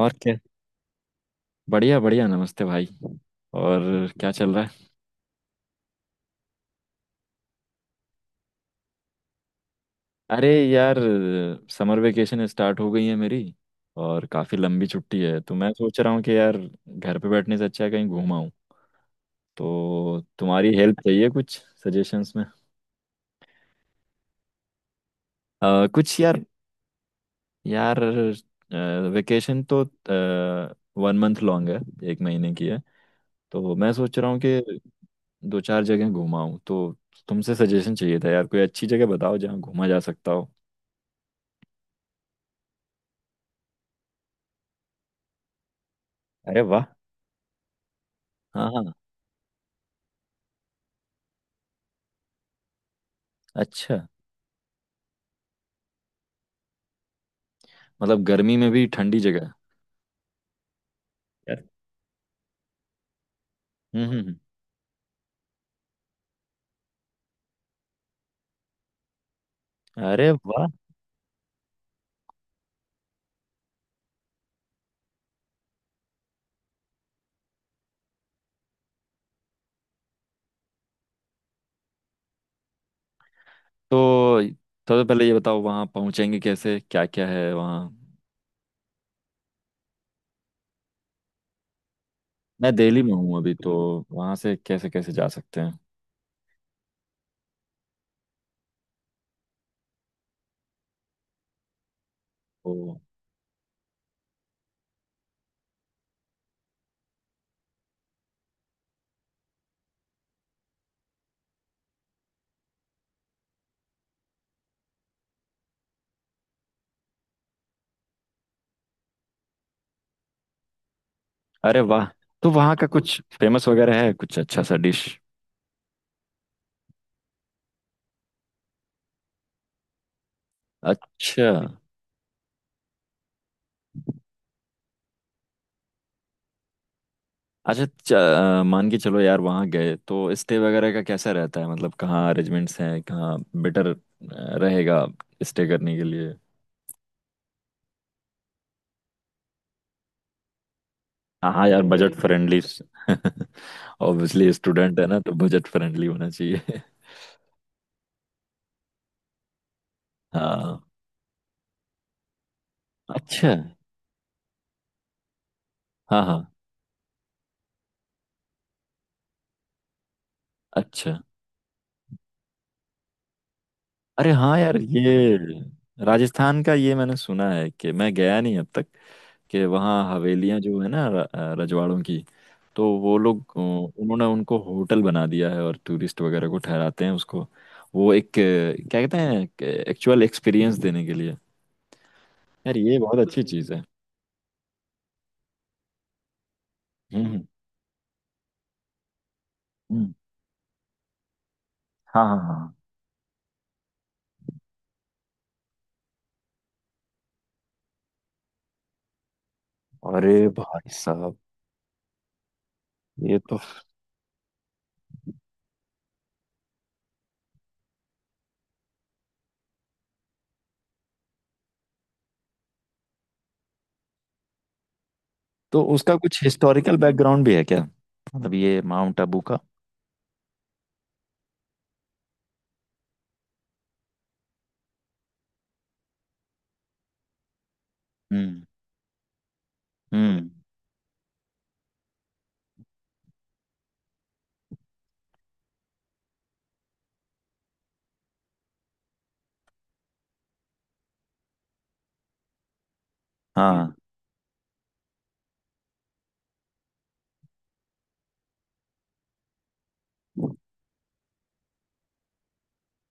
और क्या। बढ़िया बढ़िया। नमस्ते भाई। और क्या चल रहा है? अरे यार, समर वेकेशन स्टार्ट हो गई है मेरी। और काफ़ी लंबी छुट्टी है तो मैं सोच रहा हूँ कि यार, घर पे बैठने से अच्छा है कहीं घूम आऊँ। तो तुम्हारी हेल्प चाहिए कुछ सजेशंस में। कुछ यार। यार वेकेशन तो 1 मंथ लॉन्ग है, एक महीने की है। तो मैं सोच रहा हूँ कि दो चार जगह घूम आऊँ तो तुमसे सजेशन चाहिए था यार। कोई अच्छी जगह बताओ जहाँ घूमा जा सकता हो। अरे वाह। हाँ। अच्छा, मतलब गर्मी में भी ठंडी जगह है। यार। हम्म हम्म, अरे वाह। तो सबसे पहले ये बताओ वहाँ पहुँचेंगे कैसे, क्या क्या है वहाँ। मैं दिल्ली में हूँ अभी तो वहाँ से कैसे कैसे जा सकते हैं? ओ। अरे वाह। तो वहाँ का कुछ फेमस वगैरह है? कुछ अच्छा सा डिश? अच्छा। अच्छा च- मान के चलो यार, वहाँ गए तो स्टे वगैरह का कैसा रहता है? मतलब कहाँ अरेंजमेंट्स हैं, कहाँ बेटर रहेगा स्टे करने के लिए? हाँ हाँ यार, बजट फ्रेंडली। ऑब्वियसली स्टूडेंट है ना, तो बजट फ्रेंडली होना चाहिए। हाँ। अच्छा। हाँ हाँ। अच्छा। अरे हाँ यार, ये राजस्थान का ये मैंने सुना है कि मैं गया नहीं अब तक। कि वहाँ हवेलियाँ जो है ना रजवाड़ों की, तो वो लोग उन्होंने उनको होटल बना दिया है और टूरिस्ट वगैरह को ठहराते हैं उसको। वो एक क्या कहते हैं, एक्चुअल एक्सपीरियंस देने के लिए। यार ये बहुत अच्छी चीज़ है। हम्म। हम्म। हाँ हाँ हाँ। अरे भाई साहब, ये तो। तो उसका कुछ हिस्टोरिकल बैकग्राउंड भी है क्या? मतलब ये माउंट आबू का। हम्म। हम्म। हाँ।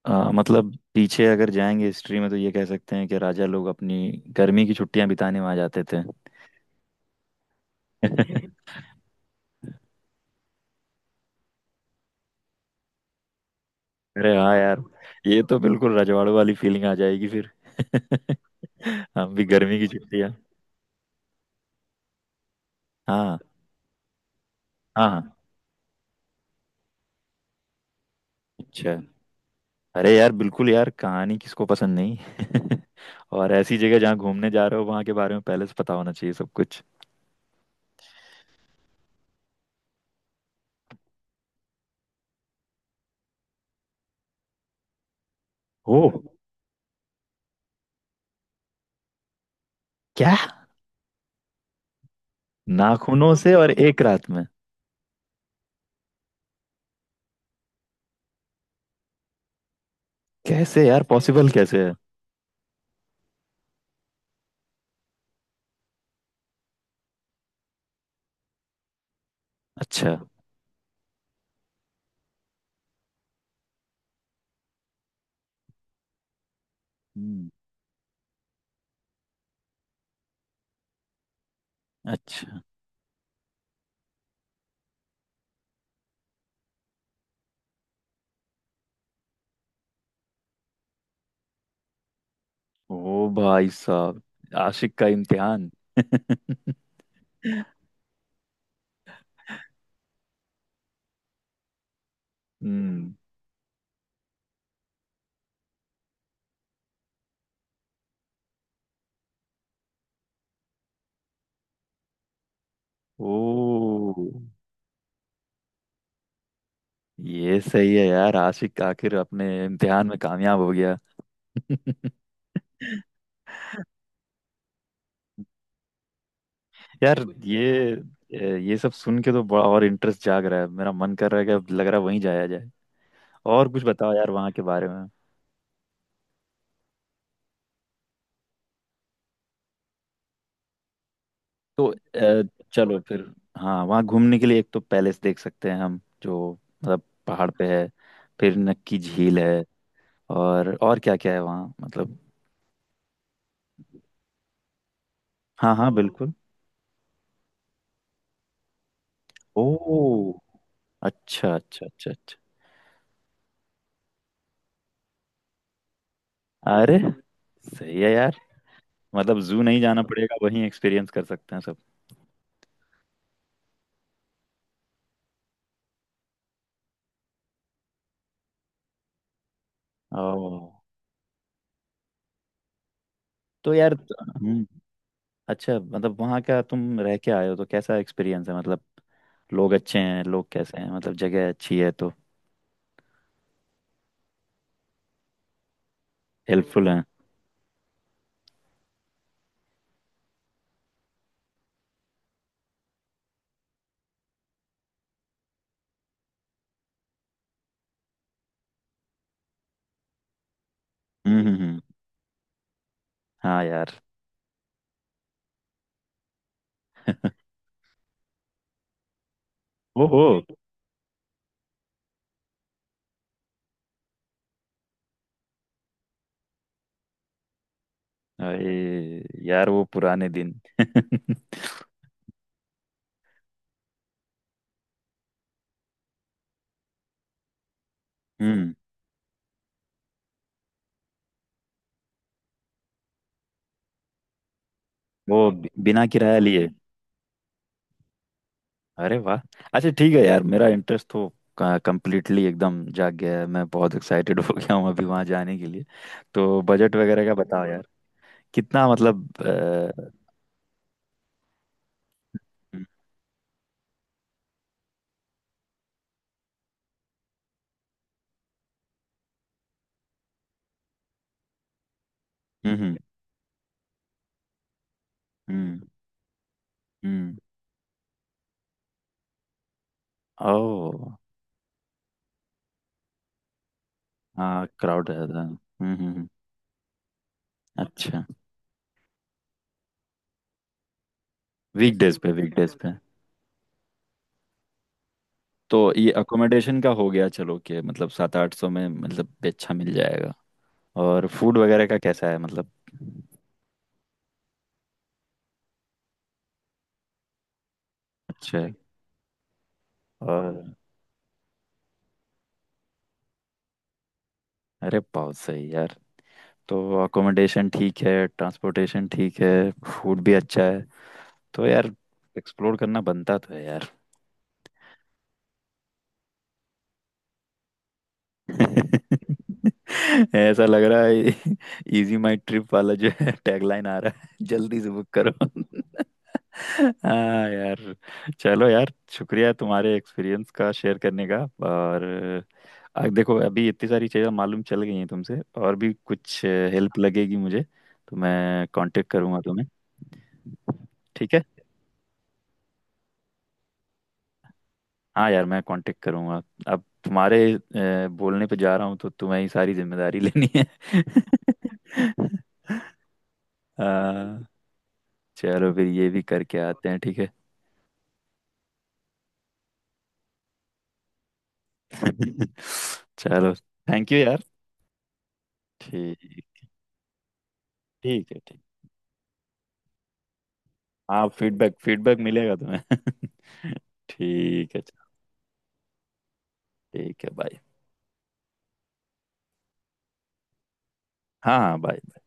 मतलब पीछे अगर जाएंगे हिस्ट्री में तो ये कह सकते हैं कि राजा लोग अपनी गर्मी की छुट्टियां बिताने वहां जाते थे। अरे हाँ यार, ये तो बिल्कुल रजवाड़ों वाली फीलिंग आ जाएगी फिर। हम भी गर्मी की छुट्टियां। हाँ। हाँ। अच्छा। अरे यार बिल्कुल, यार कहानी किसको पसंद नहीं? और ऐसी जगह जहाँ घूमने जा रहे हो वहां के बारे में पहले से पता होना चाहिए सब कुछ। ओ। क्या, नाखूनों से और एक रात में? कैसे यार, पॉसिबल कैसे है? अच्छा। हम्म। अच्छा। ओ भाई साहब, आशिक का इम्तिहान। हम्म। ओ। ये सही है यार, आशिक आखिर अपने इम्तिहान में कामयाब हो गया। यार ये सब सुन के तो बड़ा और इंटरेस्ट जाग रहा है। मेरा मन कर रहा है कि अब लग रहा है वहीं जाया जाए। और कुछ बताओ यार वहाँ के बारे में। तो चलो फिर। हाँ, वहाँ घूमने के लिए एक तो पैलेस देख सकते हैं हम, जो मतलब पहाड़ पे है। फिर नक्की झील है। और क्या क्या है वहाँ मतलब? हाँ हाँ बिल्कुल। ओ। अच्छा अच्छा अच्छा अच्छा। अरे सही है यार, मतलब जू नहीं जाना पड़ेगा, वहीं एक्सपीरियंस कर सकते हैं सब। ओ। तो यार। हम्म। अच्छा, मतलब वहाँ का तुम रह के आए हो तो कैसा एक्सपीरियंस है? मतलब लोग अच्छे हैं? लोग कैसे हैं? मतलब जगह अच्छी है तो। हेल्पफुल है। हम्म। हाँ यार। ओहो। अरे यार, वो पुराने दिन। हम्म। बिना किराया लिए? अरे वाह। अच्छा ठीक है यार, मेरा इंटरेस्ट तो कंप्लीटली एकदम जाग गया है। मैं बहुत एक्साइटेड हो गया हूँ अभी वहाँ जाने के लिए। तो बजट वगैरह का बताओ यार। कितना मतलब। हम्म हम्म हम्म। हम्म। ओह। हाँ क्राउड रहता है। हम्म। अच्छा। वीकडेज पे वीकडेज पे। तो ये अकोमोडेशन का हो गया चलो, कि मतलब सात आठ सौ में मतलब भी अच्छा मिल जाएगा। और फूड वगैरह का कैसा है मतलब? अच्छा है। और अरे बहुत सही यार। तो अकोमोडेशन ठीक है, ट्रांसपोर्टेशन ठीक है, फूड भी अच्छा है। तो यार एक्सप्लोर करना बनता तो है यार। ऐसा लग रहा है, इजी माई ट्रिप वाला जो है टैगलाइन आ रहा है, जल्दी से बुक करो। हाँ यार। चलो यार, शुक्रिया तुम्हारे एक्सपीरियंस का शेयर करने का। और देखो अभी इतनी सारी चीज़ें मालूम चल गई हैं तुमसे। और भी कुछ हेल्प लगेगी मुझे तो मैं कांटेक्ट करूँगा तुम्हें। ठीक है। हाँ यार, मैं कांटेक्ट करूंगा। अब तुम्हारे बोलने पे जा रहा हूँ तो तुम्हें ही सारी जिम्मेदारी लेनी है। अ, चलो फिर, ये भी करके आते हैं। ठीक है। चलो, थैंक यू यार। ठीक। ठीक है। ठीक। हाँ फीडबैक फीडबैक मिलेगा तुम्हें। ठीक है। ठीक है। बाय। हाँ हाँ बाय।